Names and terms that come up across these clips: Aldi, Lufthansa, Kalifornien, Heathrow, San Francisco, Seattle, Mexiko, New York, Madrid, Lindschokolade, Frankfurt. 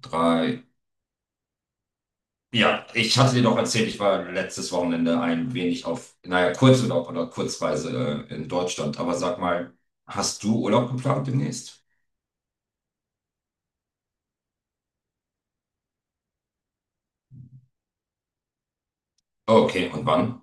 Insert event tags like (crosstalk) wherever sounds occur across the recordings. Drei. Ja, ich hatte dir doch erzählt, ich war letztes Wochenende ein wenig auf, naja, Kurzurlaub oder Kurzreise in Deutschland. Aber sag mal, hast du Urlaub geplant demnächst? Okay, und wann?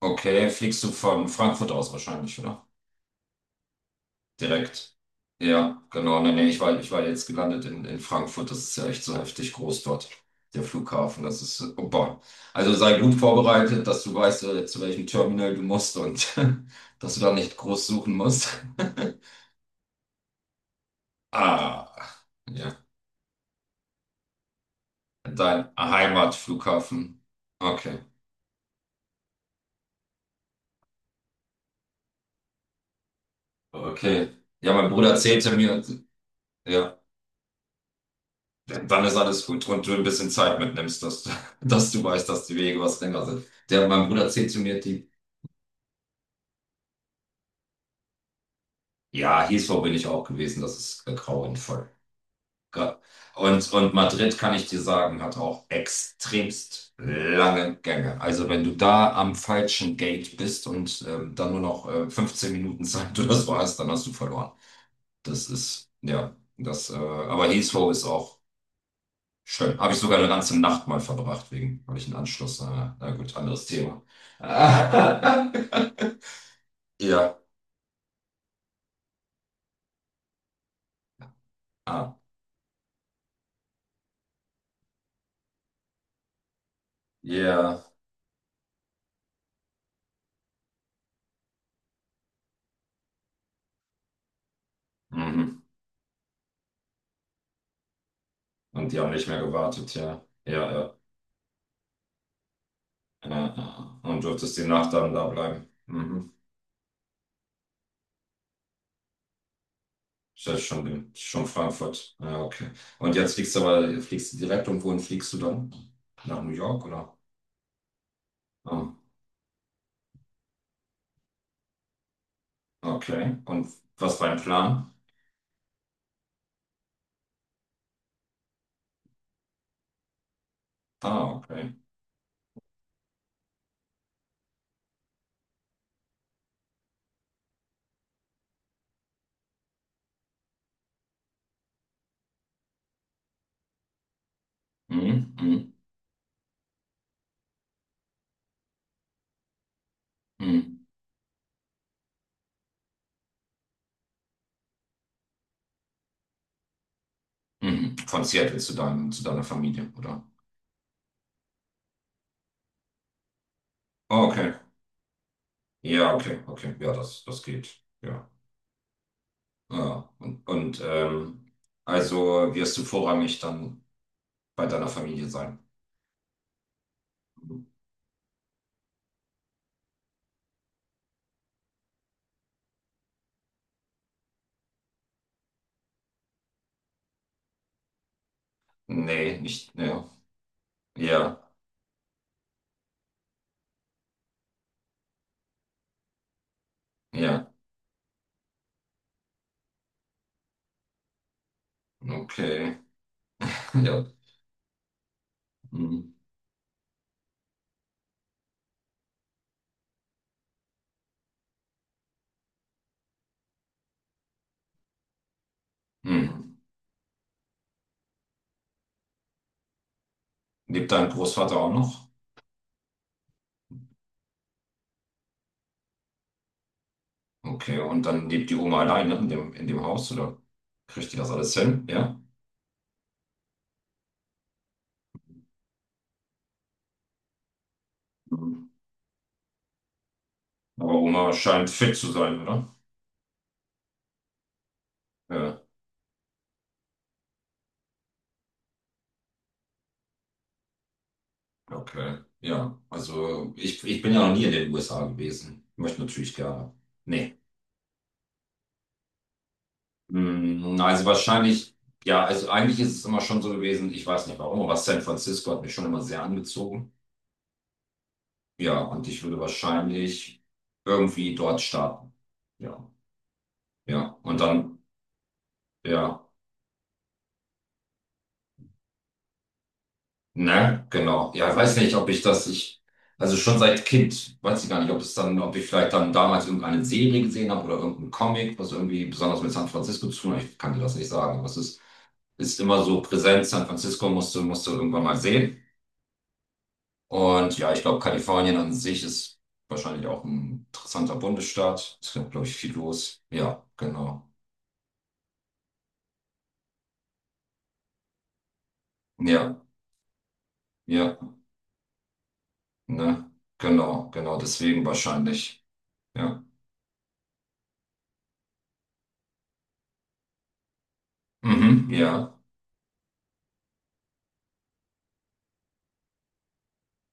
Okay, fliegst du von Frankfurt aus wahrscheinlich, oder? Direkt. Ja, genau. Nee, nee, ich war jetzt gelandet in Frankfurt. Das ist ja echt so heftig groß dort, der Flughafen. Oh boah. Also sei gut vorbereitet, dass du weißt, zu welchem Terminal du musst und (laughs) dass du da nicht groß suchen musst. (laughs) Ah, ja. Dein Heimatflughafen. Okay, okay. Ja, mein Bruder erzählte mir, ja, dann ist alles gut und du ein bisschen Zeit mitnimmst, (laughs) dass du weißt, dass die Wege was länger sind. Der, mein Bruder erzählte mir, die, ja, Heathrow bin ich auch gewesen, das ist grauenvoll. Gra- und Madrid, kann ich dir sagen, hat auch extremst lange Gänge. Also wenn du da am falschen Gate bist und dann nur noch 15 Minuten Zeit oder so hast, dann hast du verloren. Das ist, ja, das, Aber Heathrow ist auch schön. Habe ich sogar eine ganze Nacht mal verbracht, wegen, habe ich einen Anschluss. Na gut, anderes Thema. (laughs) Ja, ah, ja, mhm. Und die haben nicht mehr gewartet, ja. Ja, ja. Ja, ja. Und durftest die Nacht dann da bleiben. Mhm. Ist ja schon, schon Frankfurt. Ja, okay. Und jetzt fliegst du aber, fliegst du direkt und wohin fliegst du dann? Nach New York, oder? Ah, okay. Und was war dein Plan? Ah, okay. Mhm, mhm, mhm, mhm. Von Seattle zu deinem, zu deiner Familie, oder? Ah, okay. Ja, okay, okay. Ja, das, das geht. Ja. Ja. Und also wirst du vorrangig dann bei deiner Familie sein? Nee, nicht. Ja. Ja, ja. Okay. (laughs) Ja. Mhm. Mhm. Lebt dein Großvater auch noch? Okay, und dann lebt die Oma alleine in dem Haus, oder? Kriegt die das alles hin? Ja. Mhm. Aber Oma scheint fit zu sein, oder? Ja. Okay, ja. Also ich bin ja noch nie in den USA gewesen. Möchte natürlich gerne. Nee. Also wahrscheinlich, ja, also eigentlich ist es immer schon so gewesen, ich weiß nicht warum, aber San Francisco hat mich schon immer sehr angezogen. Ja, und ich würde wahrscheinlich irgendwie dort starten. Ja. Ja. Und dann, ja. Ne, genau. Ja, ich weiß nicht, ob ich das, ich, also schon seit Kind, weiß ich gar nicht, ob es dann, ob ich vielleicht dann damals irgendeine Serie gesehen habe oder irgendeinen Comic, was irgendwie besonders mit San Francisco zu tun hat. Ich kann dir das nicht sagen, ist immer so präsent. San Francisco musst du irgendwann mal sehen. Und ja, ich glaube, Kalifornien an sich ist wahrscheinlich auch ein interessanter Bundesstaat. Es gibt, glaube ich, viel los. Ja, genau. Ja, ja, ne, genau, genau, deswegen wahrscheinlich. Ja. Mhm, ja.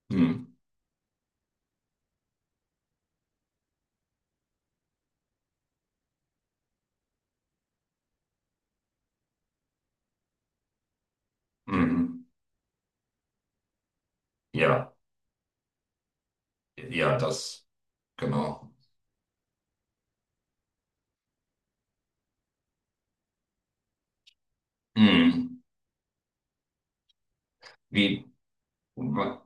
Mhm, mhm. Ja, ja, das, genau. Hm. Wie, man,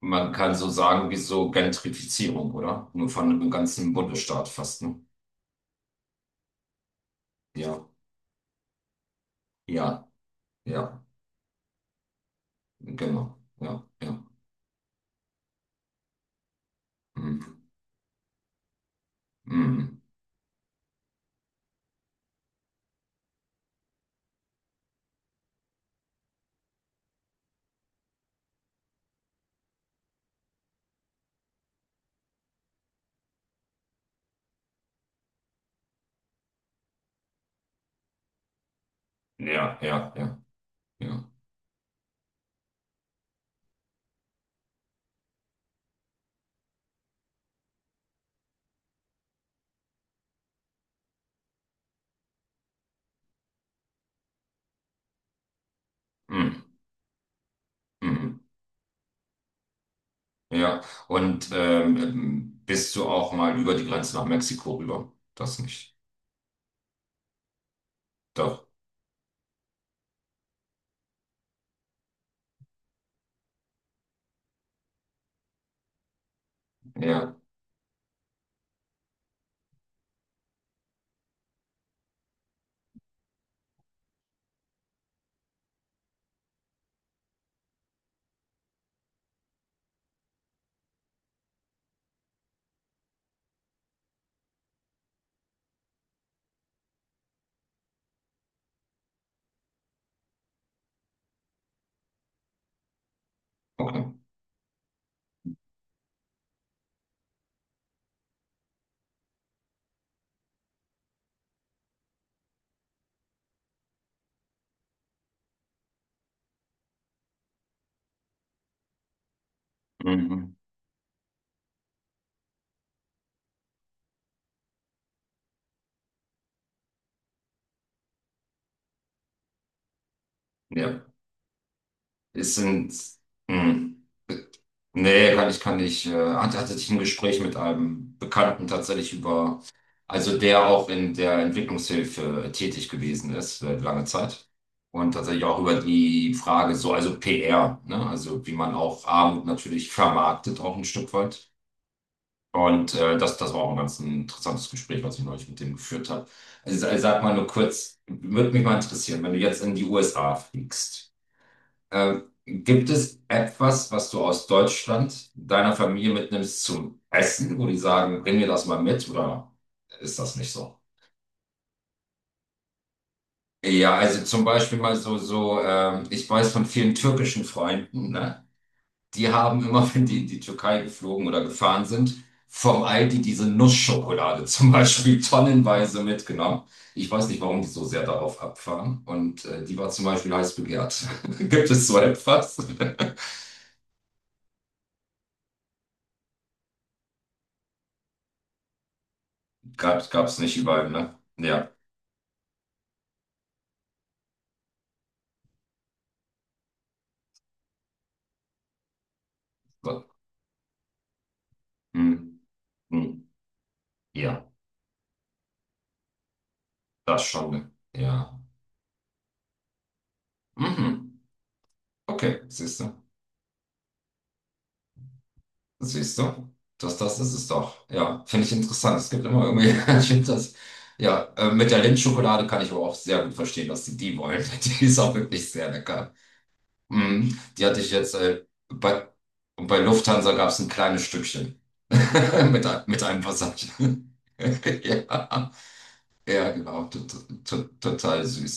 man kann so sagen, wie so Gentrifizierung, oder? Nur von einem ganzen Bundesstaat fast, ne? Ja, ja, ja, genau. Ja, ja. Hm. Hm. Ja, ja, ja, ja. Hm. Hm. Ja. Und bist du auch mal über die Grenze nach Mexiko rüber? Das nicht. Doch. Ja, okay. Mhm. Ja. Es sind. Hm. Nee, hatte ich ein Gespräch mit einem Bekannten tatsächlich über, also der auch in der Entwicklungshilfe tätig gewesen ist, lange Zeit. Und tatsächlich auch über die Frage so, also PR, ne? Also wie man auch Armut natürlich vermarktet, auch ein Stück weit. Das war auch ein ganz interessantes Gespräch, was ich neulich mit dem geführt habe. Also sag mal nur kurz, würde mich mal interessieren, wenn du jetzt in die USA fliegst. Äh, Gibt es etwas, was du aus Deutschland deiner Familie mitnimmst zum Essen, wo die sagen, bring mir das mal mit, oder ist das nicht so? Ja, also zum Beispiel mal so, ich weiß von vielen türkischen Freunden, ne? Die haben immer, (laughs) wenn die in die Türkei geflogen oder gefahren sind, vom Aldi diese Nussschokolade (laughs) zum Beispiel tonnenweise mitgenommen. Ich weiß nicht, warum die so sehr darauf abfahren. Die war zum Beispiel heiß begehrt. (laughs) Gibt es so etwas? Gab's, gab's nicht überall, ne? Ja. So. Hm. Hm. Ja, das schon, ne? Ja. Mhm. Okay, siehst du. Siehst du? Das, das ist es doch. Ja, finde ich interessant. Es gibt immer irgendwie, (laughs) ich finde das, ja, mit der Lindschokolade kann ich aber auch sehr gut verstehen, dass die die wollen. (laughs) Die ist auch wirklich sehr lecker. Mhm. Die hatte ich jetzt, bei, Und bei Lufthansa gab es ein kleines Stückchen (laughs) mit einem Passage. (laughs) Ja. Ja, genau, total süß.